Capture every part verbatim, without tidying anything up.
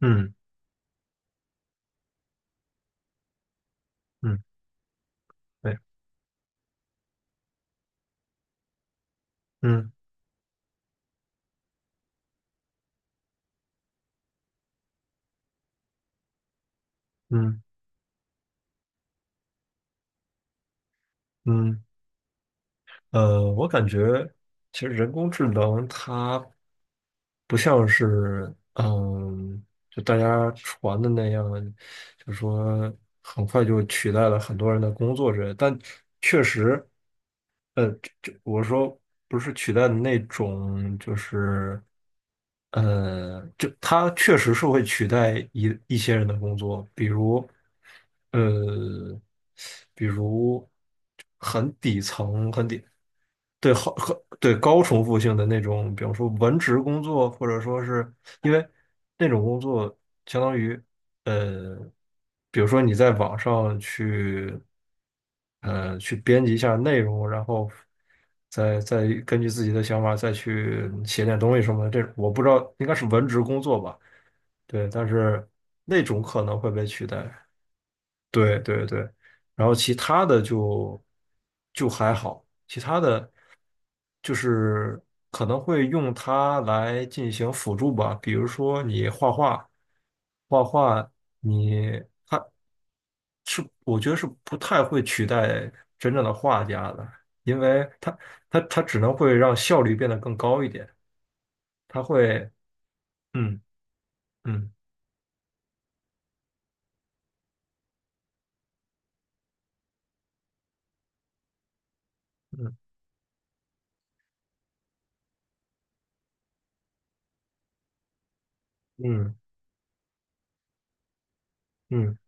嗯嗯，对，嗯嗯嗯，呃，我感觉其实人工智能它不像是嗯，就大家传的那样，就说很快就取代了很多人的工作之类的，但确实，呃，就这我说不是取代的那种，就是。呃，就它确实是会取代一一些人的工作，比如，呃，比如很底层、很底，对，好，很对高重复性的那种，比方说文职工作，或者说是因为那种工作相当于。呃，比如说你在网上去呃去编辑一下内容，然后再再根据自己的想法再去写点东西什么的，这我不知道应该是文职工作吧？对，但是那种可能会被取代。对对对，然后其他的就就还好，其他的就是可能会用它来进行辅助吧，比如说你画画，画画你是我觉得是不太会取代真正的画家的，因为它它它只能会让效率变得更高一点，它会嗯嗯嗯嗯嗯嗯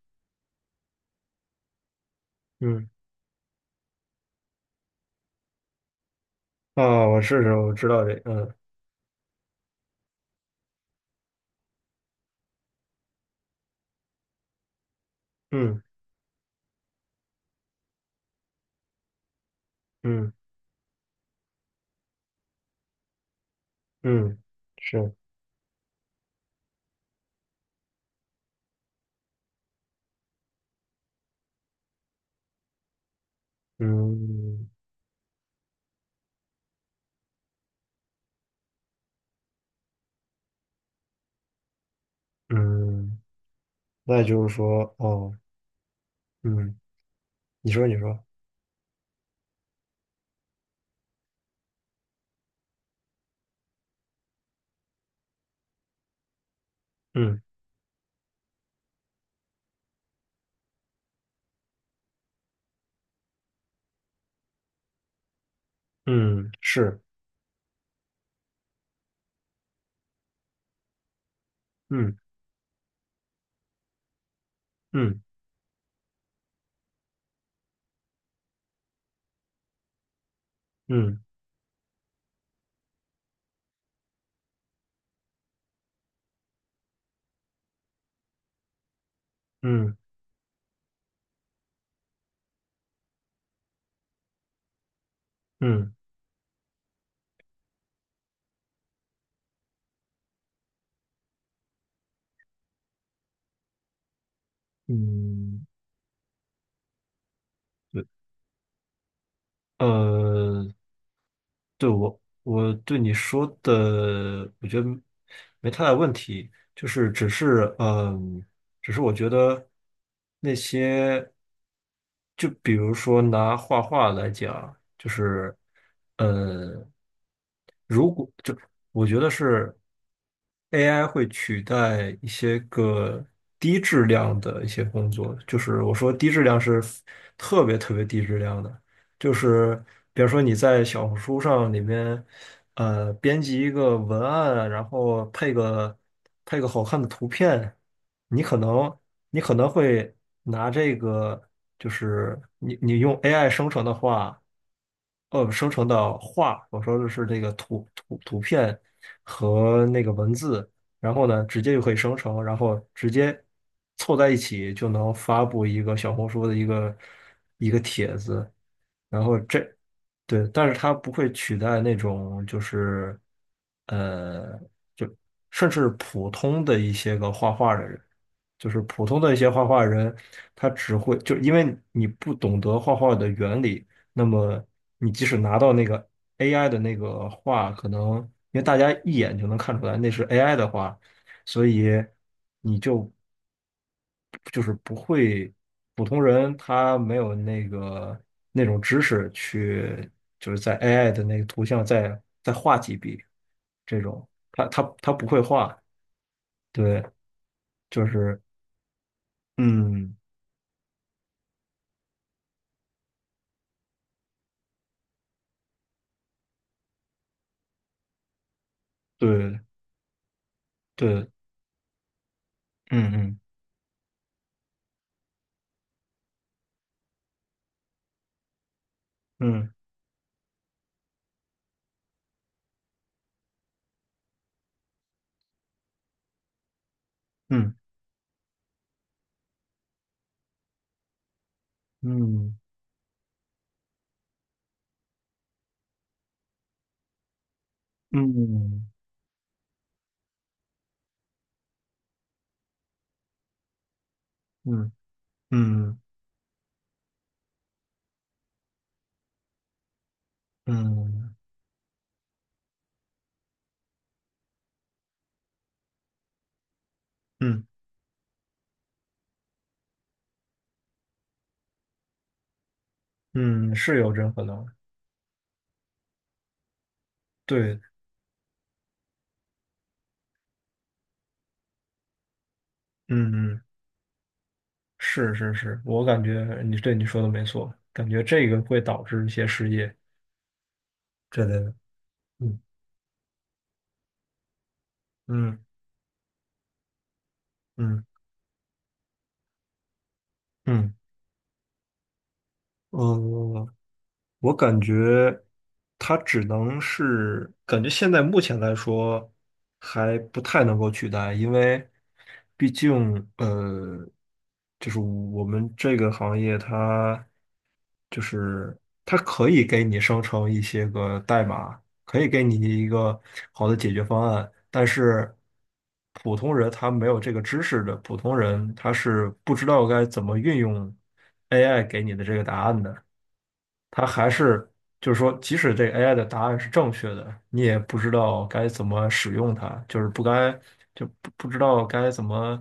嗯啊，我试试，我知道这嗯嗯嗯嗯，是。嗯嗯，那也就是说，哦，嗯，你说，你说，嗯嗯，是，嗯嗯嗯嗯嗯嗯，嗯对，呃。我我对你说的，我觉得没太大问题，就是只是嗯，只是我觉得那些，就比如说拿画画来讲，就是呃，如果就我觉得是 A I 会取代一些个低质量的一些工作，就是我说低质量是特别特别低质量的。就是比如说你在小红书上里面，呃，编辑一个文案，然后配个配个好看的图片，你可能你可能会拿这个，就是你你用 A I 生成的话，呃，生成的画，我说的是这个图图图片和那个文字，然后呢，直接就可以生成，然后直接凑在一起就能发布一个小红书的一个一个帖子。然后这，对，但是它不会取代那种就是，呃，就甚至普通的一些个画画的人，就是普通的一些画画人，他只会就因为你不懂得画画的原理，那么你即使拿到那个 A I 的那个画，可能因为大家一眼就能看出来那是 A I 的画，所以。你就。就是不会，普通人他没有那个那种知识去，就是在 A I 的那个图像再再画几笔这种，他他他不会画，对，就是嗯，对对，嗯嗯嗯嗯嗯嗯嗯嗯嗯嗯，是有这种可能，对。嗯嗯，是是是，我感觉你对你说的没错，感觉这个会导致一些失业之类的。嗯嗯嗯嗯，哦、我感觉它只能是，感觉现在目前来说还不太能够取代，因为毕竟呃，就是我们这个行业它就是它可以给你生成一些个代码，可以给你一个好的解决方案，但是普通人他没有这个知识的，普通人他是不知道该怎么运用 A I 给你的这个答案的。它还是就是说，即使这 A I 的答案是正确的，你也不知道该怎么使用它，就是不该就不不知道该怎么，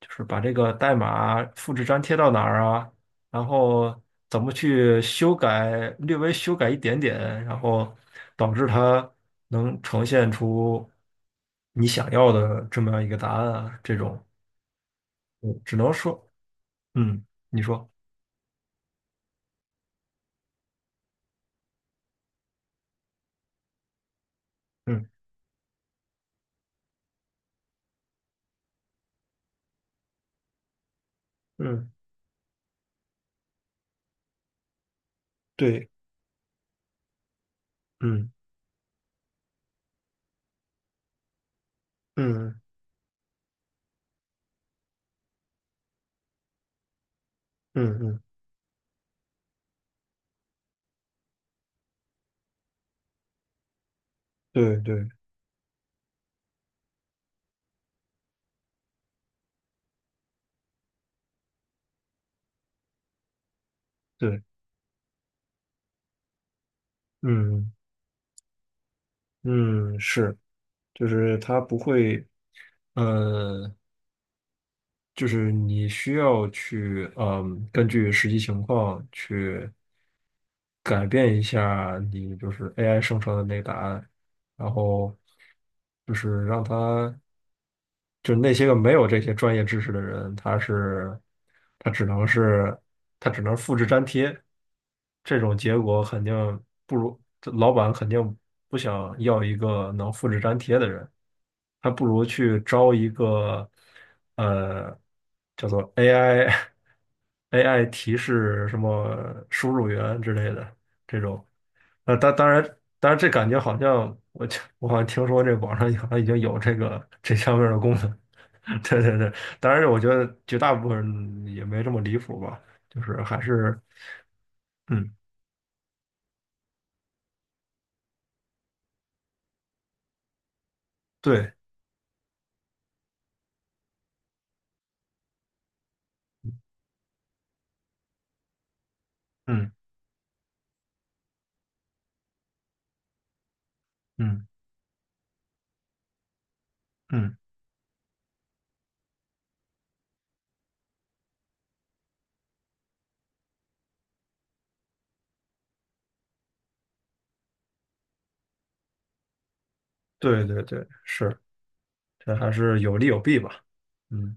就是把这个代码复制粘贴到哪儿啊，然后怎么去修改，略微修改一点点，然后导致它能呈现出你想要的这么样一个答案啊，这种，嗯只能说，嗯，你说，嗯嗯，对，嗯嗯嗯嗯嗯。对对对，嗯嗯，是，就是它不会，呃，就是你需要去，嗯，根据实际情况去改变一下你就是 A I 生成的那个答案，然后就是让它就那些个没有这些专业知识的人，他是他只能是他只能复制粘贴，这种结果肯定不如这老板肯定不想要一个能复制粘贴的人，还不如去招一个呃叫做 A I A I 提示什么输入员之类的。这种。呃，当当然，当然，这感觉好像我我好像听说这网上好像已经有这个这方面的功能。对对对，当然，我觉得绝大部分人也没这么离谱吧，就是还是，嗯，对，嗯嗯嗯，对对对，是，这还是有利有弊吧，嗯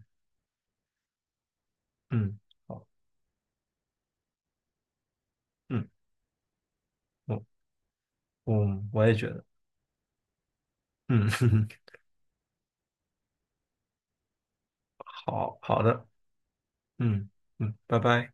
嗯，好，嗯，我嗯，我也觉得，嗯，好好的，嗯嗯，拜拜。